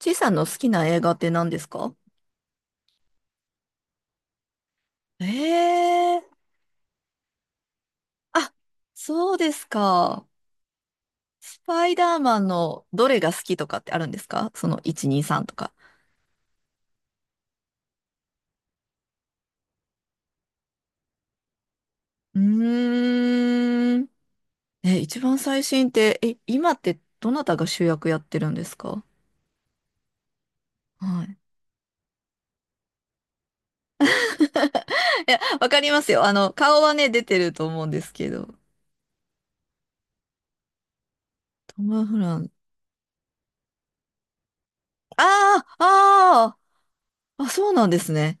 ちいさんの好きな映画って何ですか？ええ。あ、そうですか。スパイダーマンのどれが好きとかってあるんですか、その1、2、3とか？うーん。え、一番最新って、今ってどなたが主役やってるんですか？はい。いや、わかりますよ。顔はね、出てると思うんですけど。トム・フラン。あーあー、あ、そうなんですね。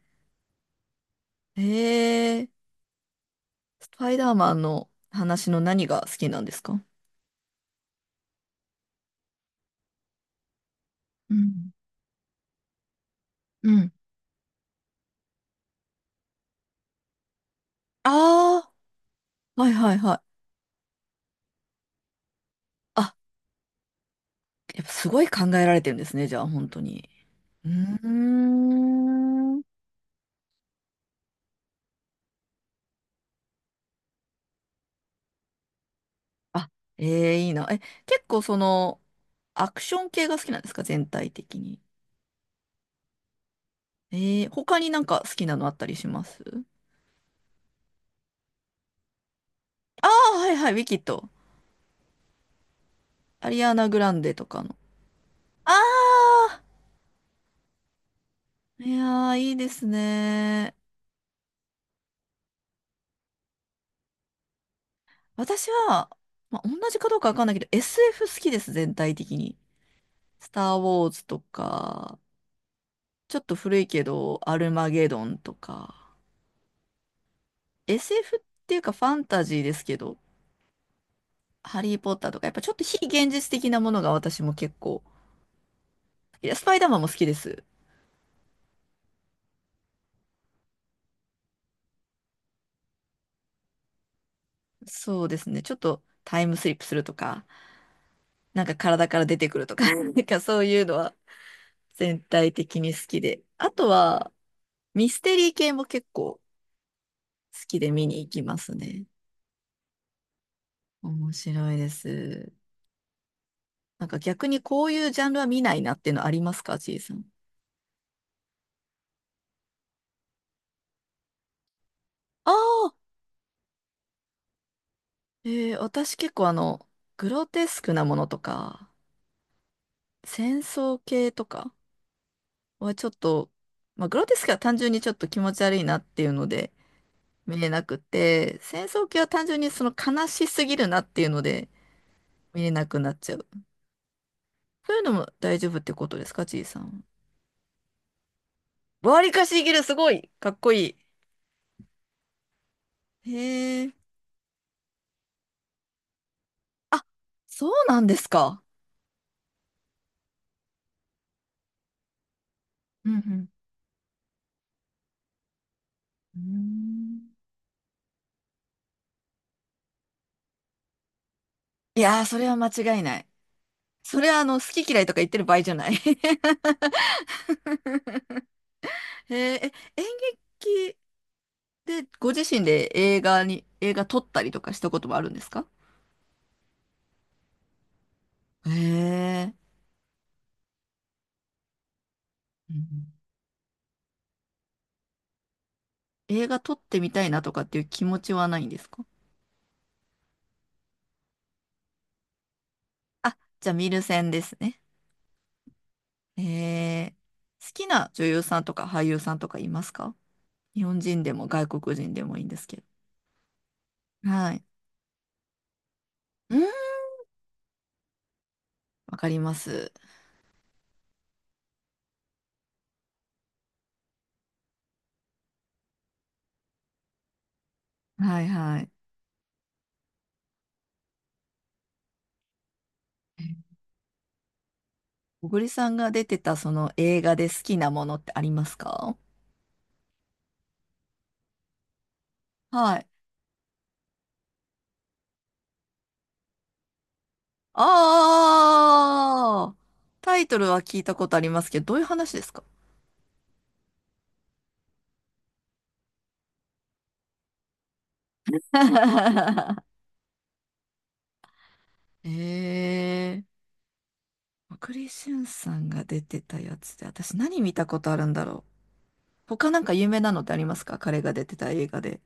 ええ。スパイダーマンの話の何が好きなんですか？うんうん。ああ、はいはいはい。あ、やっぱすごい考えられてるんですね、じゃあ、本当に。うーん。あ、ええ、いいな。結構アクション系が好きなんですか、全体的に。ええ。他になんか好きなのあったりします？ああー、はいはい、ウィキッド。アリアナ・グランデとかの。ああ、いやー、いいですね。私は、まあ、同じかどうかわかんないけど、SF 好きです、全体的に。スター・ウォーズとか、ちょっと古いけど、アルマゲドンとか、SF っていうかファンタジーですけど、ハリー・ポッターとか、やっぱちょっと非現実的なものが私も結構、いや、スパイダーマンも好きです。そうですね、ちょっとタイムスリップするとか、なんか体から出てくるとか、なんかそういうのは全体的に好きで。あとは、ミステリー系も結構好きで見に行きますね。面白いです。なんか逆にこういうジャンルは見ないなっていうのありますか、ちいさん？あ、私結構グロテスクなものとか、戦争系とかはちょっと、まあ、グロテスクは単純にちょっと気持ち悪いなっていうので見れなくて、戦争系は単純に悲しすぎるなっていうので見れなくなっちゃう。そういうのも大丈夫ってことですか、ちいさん？わりかしいける、すごい、かっこいい。へえ。あ、そうなんですか。うんうん。うーん。いやー、それは間違いない。それは好き嫌いとか言ってる場合じゃない。へえ、演劇でご自身で映画撮ったりとかしたこともあるんですか？へえ、うん。映画撮ってみたいなとかっていう気持ちはないんですか？あ、じゃあ見る専ですね。へえ、好きな女優さんとか俳優さんとかいますか？日本人でも外国人でもいいんですけど。はい。うん。わかります。はいはい。小栗さんが出てたその映画で好きなものってありますか？はい。ああ、タイトルは聞いたことありますけど、どういう話ですか？ ええー、小しゅんさんが出てたやつで、私何見たことあるんだろう。他なんか有名なのってありますか、彼が出てた映画で。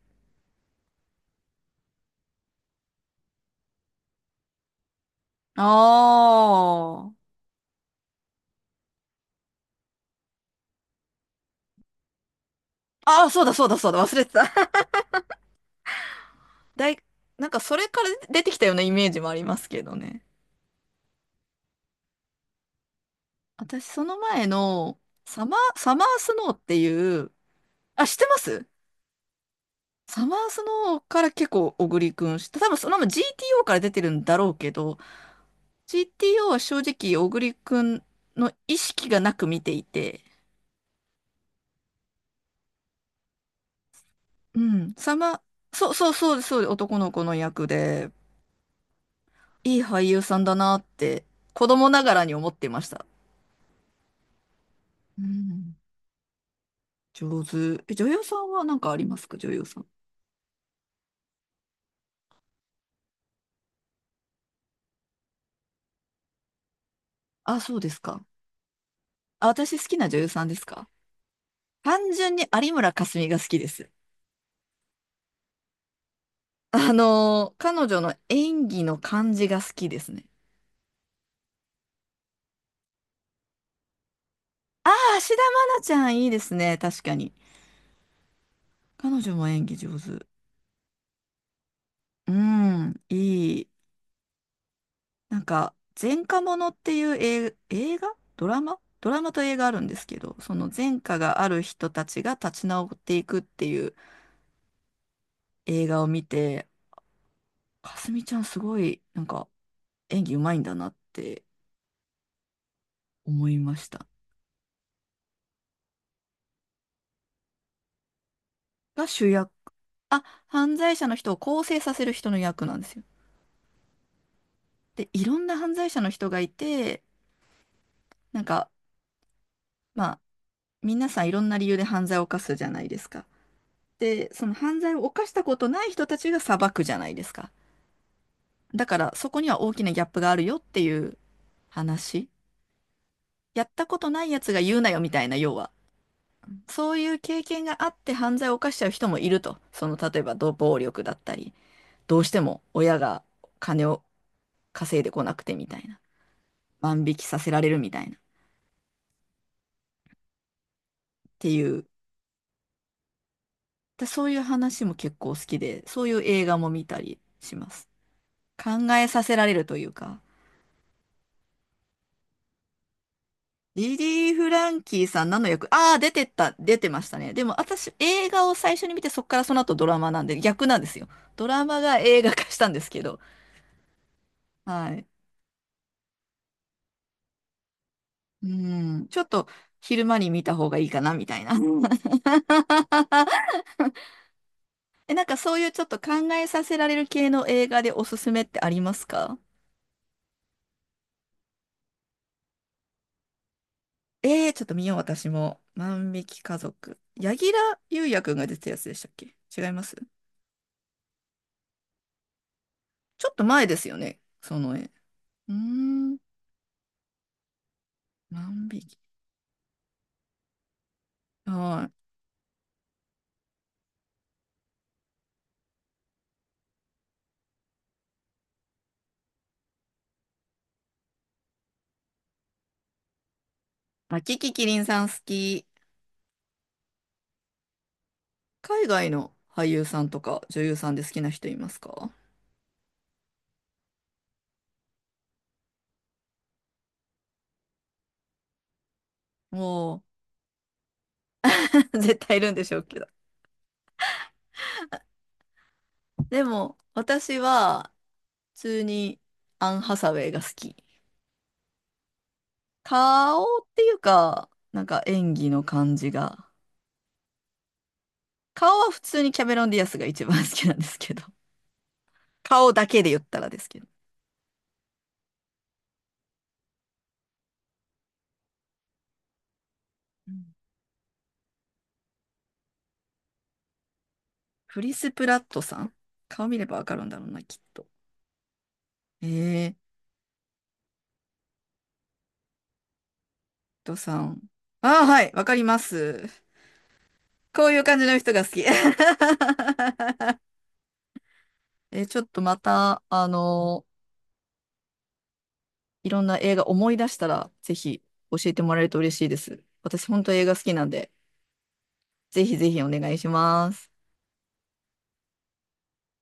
ああああ、そうだそうだそうだ、忘れてた。だい、なんかそれから出てきたようなイメージもありますけどね。私その前の、サマースノーっていう、あ、知ってます？サマースノーから結構小栗くん知った。多分そのまま GTO から出てるんだろうけど、GTO は正直小栗くんの意識がなく見ていて、うん、そうそうそうです、そうです、男の子の役で、いい俳優さんだなって子供ながらに思ってました。うん、上手。女優さんは何かありますか、女優さん？あ、そうですか。あ、私好きな女優さんですか。単純に有村架純が好きです。彼女の演技の感じが好きですね。ああ、芦田愛菜ちゃんいいですね。確かに。彼女も演技上手。うん、いい。なんか、前科者っていう映画、ドラマと映画あるんですけど、その前科がある人たちが立ち直っていくっていう映画を見て、かすみちゃんすごい、なんか、演技うまいんだなって思いました。が主役。あ、犯罪者の人を更生させる人の役なんですよ。で、いろんな犯罪者の人がいて、なんか、まあ皆さんいろんな理由で犯罪を犯すじゃないですか。で、その犯罪を犯したことない人たちが裁くじゃないですか。だからそこには大きなギャップがあるよっていう話。やったことないやつが言うなよみたいな、要は。そういう経験があって犯罪を犯しちゃう人もいると。例えばど暴力だったり、どうしても親が金を稼いでこなくてみたいな。万引きさせられるみたいな。っていう。で、そういう話も結構好きで、そういう映画も見たりします。考えさせられるというか。リリー・フランキーさん何の役？ああ、出てましたね。でも私、映画を最初に見て、そっからその後ドラマなんで、逆なんですよ。ドラマが映画化したんですけど。はい。うん。ちょっと、昼間に見た方がいいかな、みたいな。うん。 なんかそういうちょっと考えさせられる系の映画でおすすめってありますか？ちょっと見よう、私も。万引き家族。柳楽優弥くんが出てたやつでしたっけ、違います？ちょっと前ですよね、その絵。うーん、万匹。はい。あ、キキキリンさん好き。海外の俳優さんとか女優さんで好きな人いますか？もう、絶対いるんでしょうけど。でも、私は、普通にアン・ハサウェイが好き。顔っていうか、なんか演技の感じが。顔は普通にキャメロン・ディアスが一番好きなんですけど。顔だけで言ったらですけど。うん。クリス・プラットさん、顔見ればわかるんだろうな、きっと。えートさん。ああ、はい、わかります。こういう感じの人が好き。ちょっとまた、いろんな映画思い出したら、ぜひ教えてもらえると嬉しいです。私、本当映画好きなんで、ぜひぜひお願いします。